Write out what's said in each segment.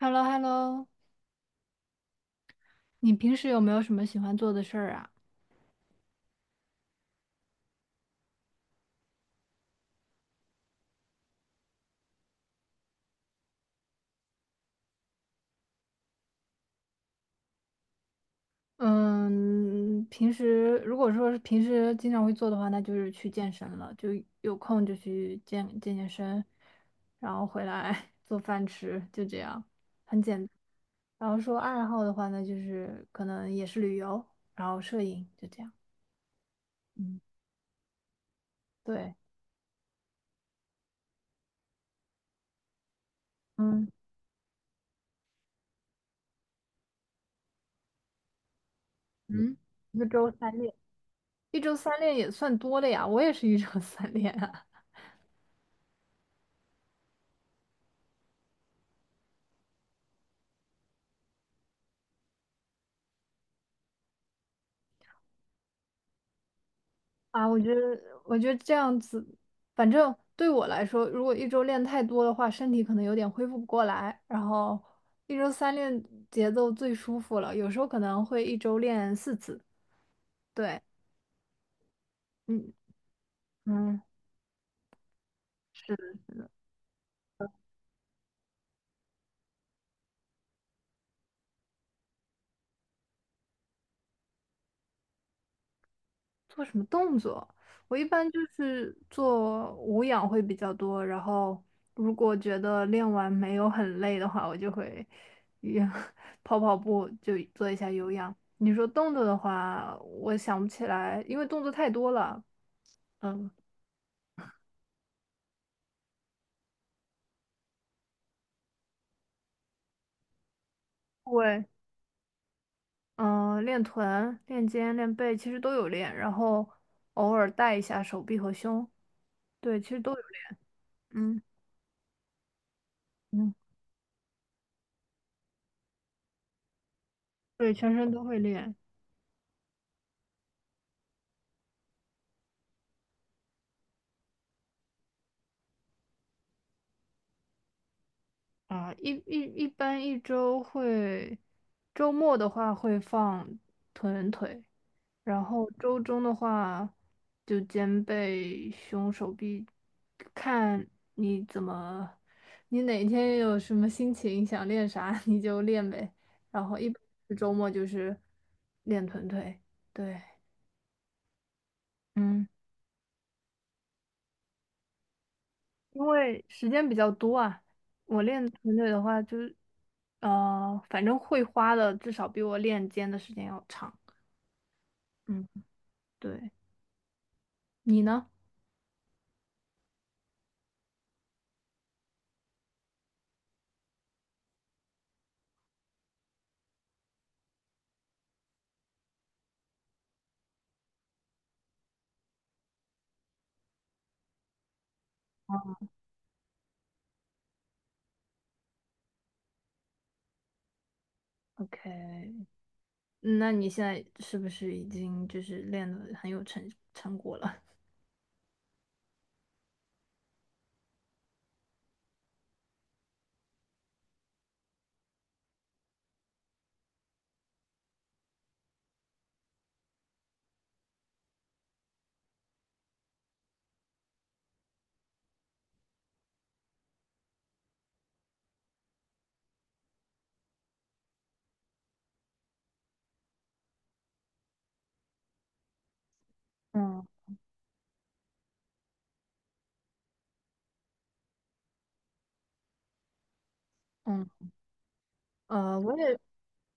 h e l l o h e l l o 你平时有没有什么喜欢做的事儿啊？嗯，平时如果说是平时经常会做的话，那就是去健身了，就有空就去健身，然后回来 做饭吃，就这样，很简单。然后说爱好的话呢，就是可能也是旅游，然后摄影，就这样。嗯，对，嗯嗯，一周三练，一周三练也算多了呀，我也是一周三练。啊。啊，我觉得这样子，反正对我来说，如果一周练太多的话，身体可能有点恢复不过来。然后一周三练节奏最舒服了，有时候可能会一周练四次。对，嗯嗯，是做什么动作？我一般就是做无氧会比较多，然后如果觉得练完没有很累的话，我就会也 跑跑步，就做一下有氧。你说动作的话，我想不起来，因为动作太多了。嗯，对，嗯，练臀、练肩、练背其实都有练，然后偶尔带一下手臂和胸，对，其实都有练。嗯嗯，对，全身都会练。啊，一般一周会，周末的话会放臀腿，然后周中的话就肩背、胸、手臂，看你怎么，你哪天有什么心情想练啥 你就练呗。然后一般是周末就是练臀腿，对，嗯。因为时间比较多啊，我练臀腿的话，就是，反正会花的至少比我练肩的时间要长。嗯，对，你呢？OK，那你现在是不是已经就是练的很有成果了？嗯嗯，呃，我也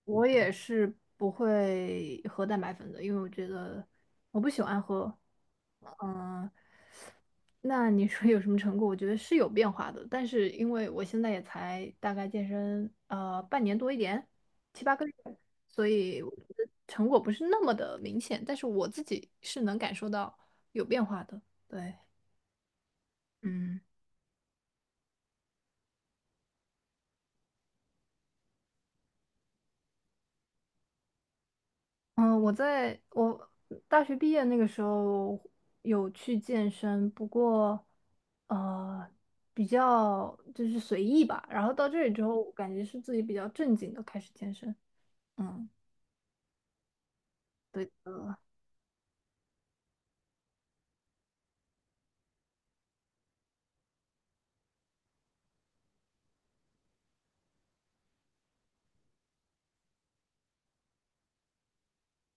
我也是不会喝蛋白粉的，因为我觉得我不喜欢喝。嗯、那你说有什么成果？我觉得是有变化的，但是因为我现在也才大概健身半年多一点，七八个月，所以我觉得成果不是那么的明显，但是我自己是能感受到有变化的。对，嗯嗯，我大学毕业那个时候有去健身，不过呃比较就是随意吧，然后到这里之后，我感觉是自己比较正经的开始健身。嗯，对的。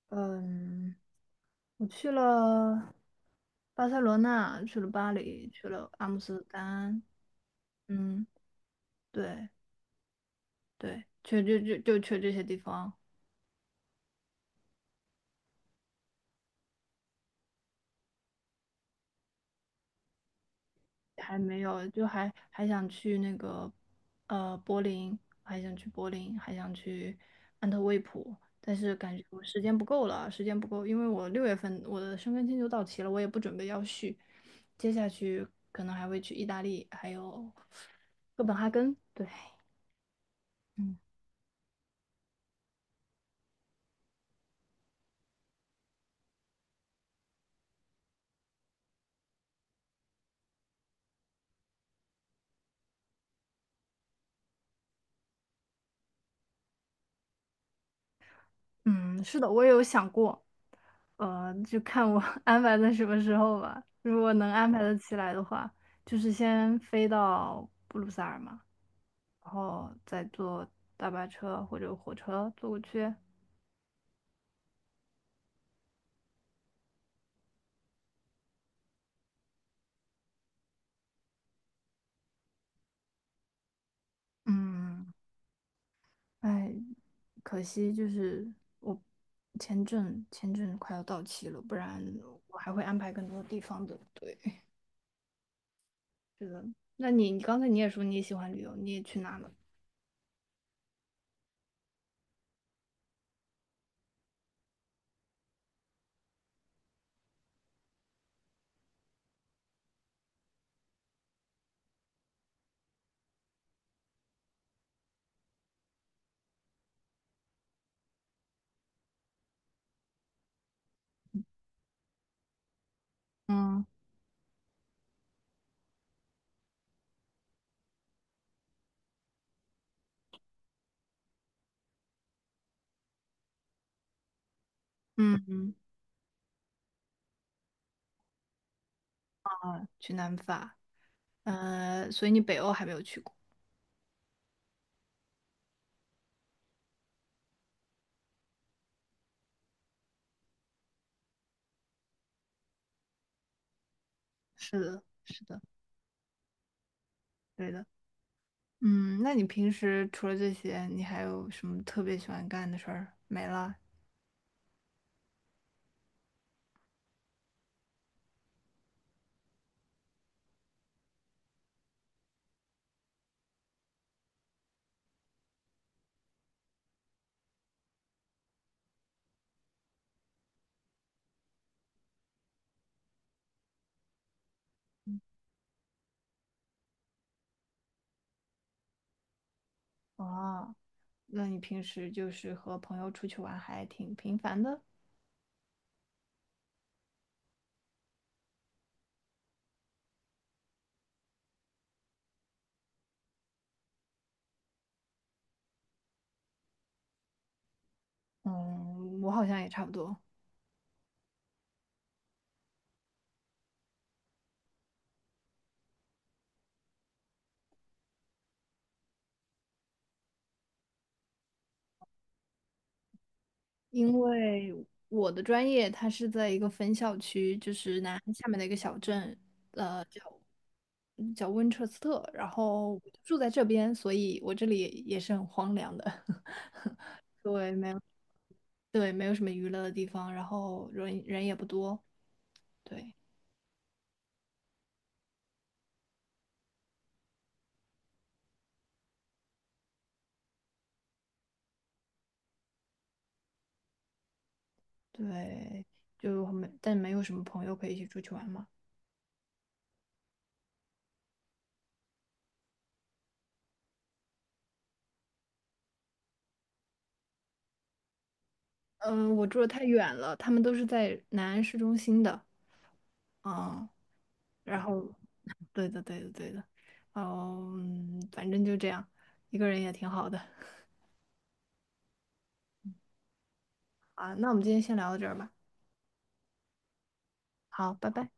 嗯，我去了巴塞罗那，去了巴黎，去了阿姆斯特丹，嗯，对对，就就就去这些地方，还没有，就还想去那个柏林，还想去柏林，还想去安特卫普，但是感觉我时间不够了，时间不够，因为我六月份我的申根签就到期了，我也不准备要续，接下去可能还会去意大利，还有哥本哈根，对。嗯。嗯，是的，我也有想过，呃，就看我 安排在什么时候吧。如果能安排得起来的话，就是先飞到布鲁塞尔嘛，然后再坐大巴车或者火车坐过去。嗯，哎，可惜就是我签证快要到期了，不然我还会安排更多地方的。对，是的。那你刚才你也说你也喜欢旅游，你也去哪了？嗯嗯嗯，啊去南法。呃，所以你北欧还没有去过。是的，是的，对的。嗯，那你平时除了这些，你还有什么特别喜欢干的事儿？没了。啊？那你平时就是和朋友出去玩还挺频繁的？嗯，我好像也差不多，因为我的专业它是在一个分校区，就是南安下面的一个小镇，呃，叫叫温彻斯特，然后我就住在这边，所以我这里也是很荒凉的。对，没有。对，没有什么娱乐的地方，然后人也不多，对对，就没，但没有什么朋友可以一起出去玩嘛。嗯，我住的太远了，他们都是在南安市中心的，嗯，然后，对的，对的，对的，嗯，反正就这样，一个人也挺好的。啊，那我们今天先聊到这儿吧，好，拜拜。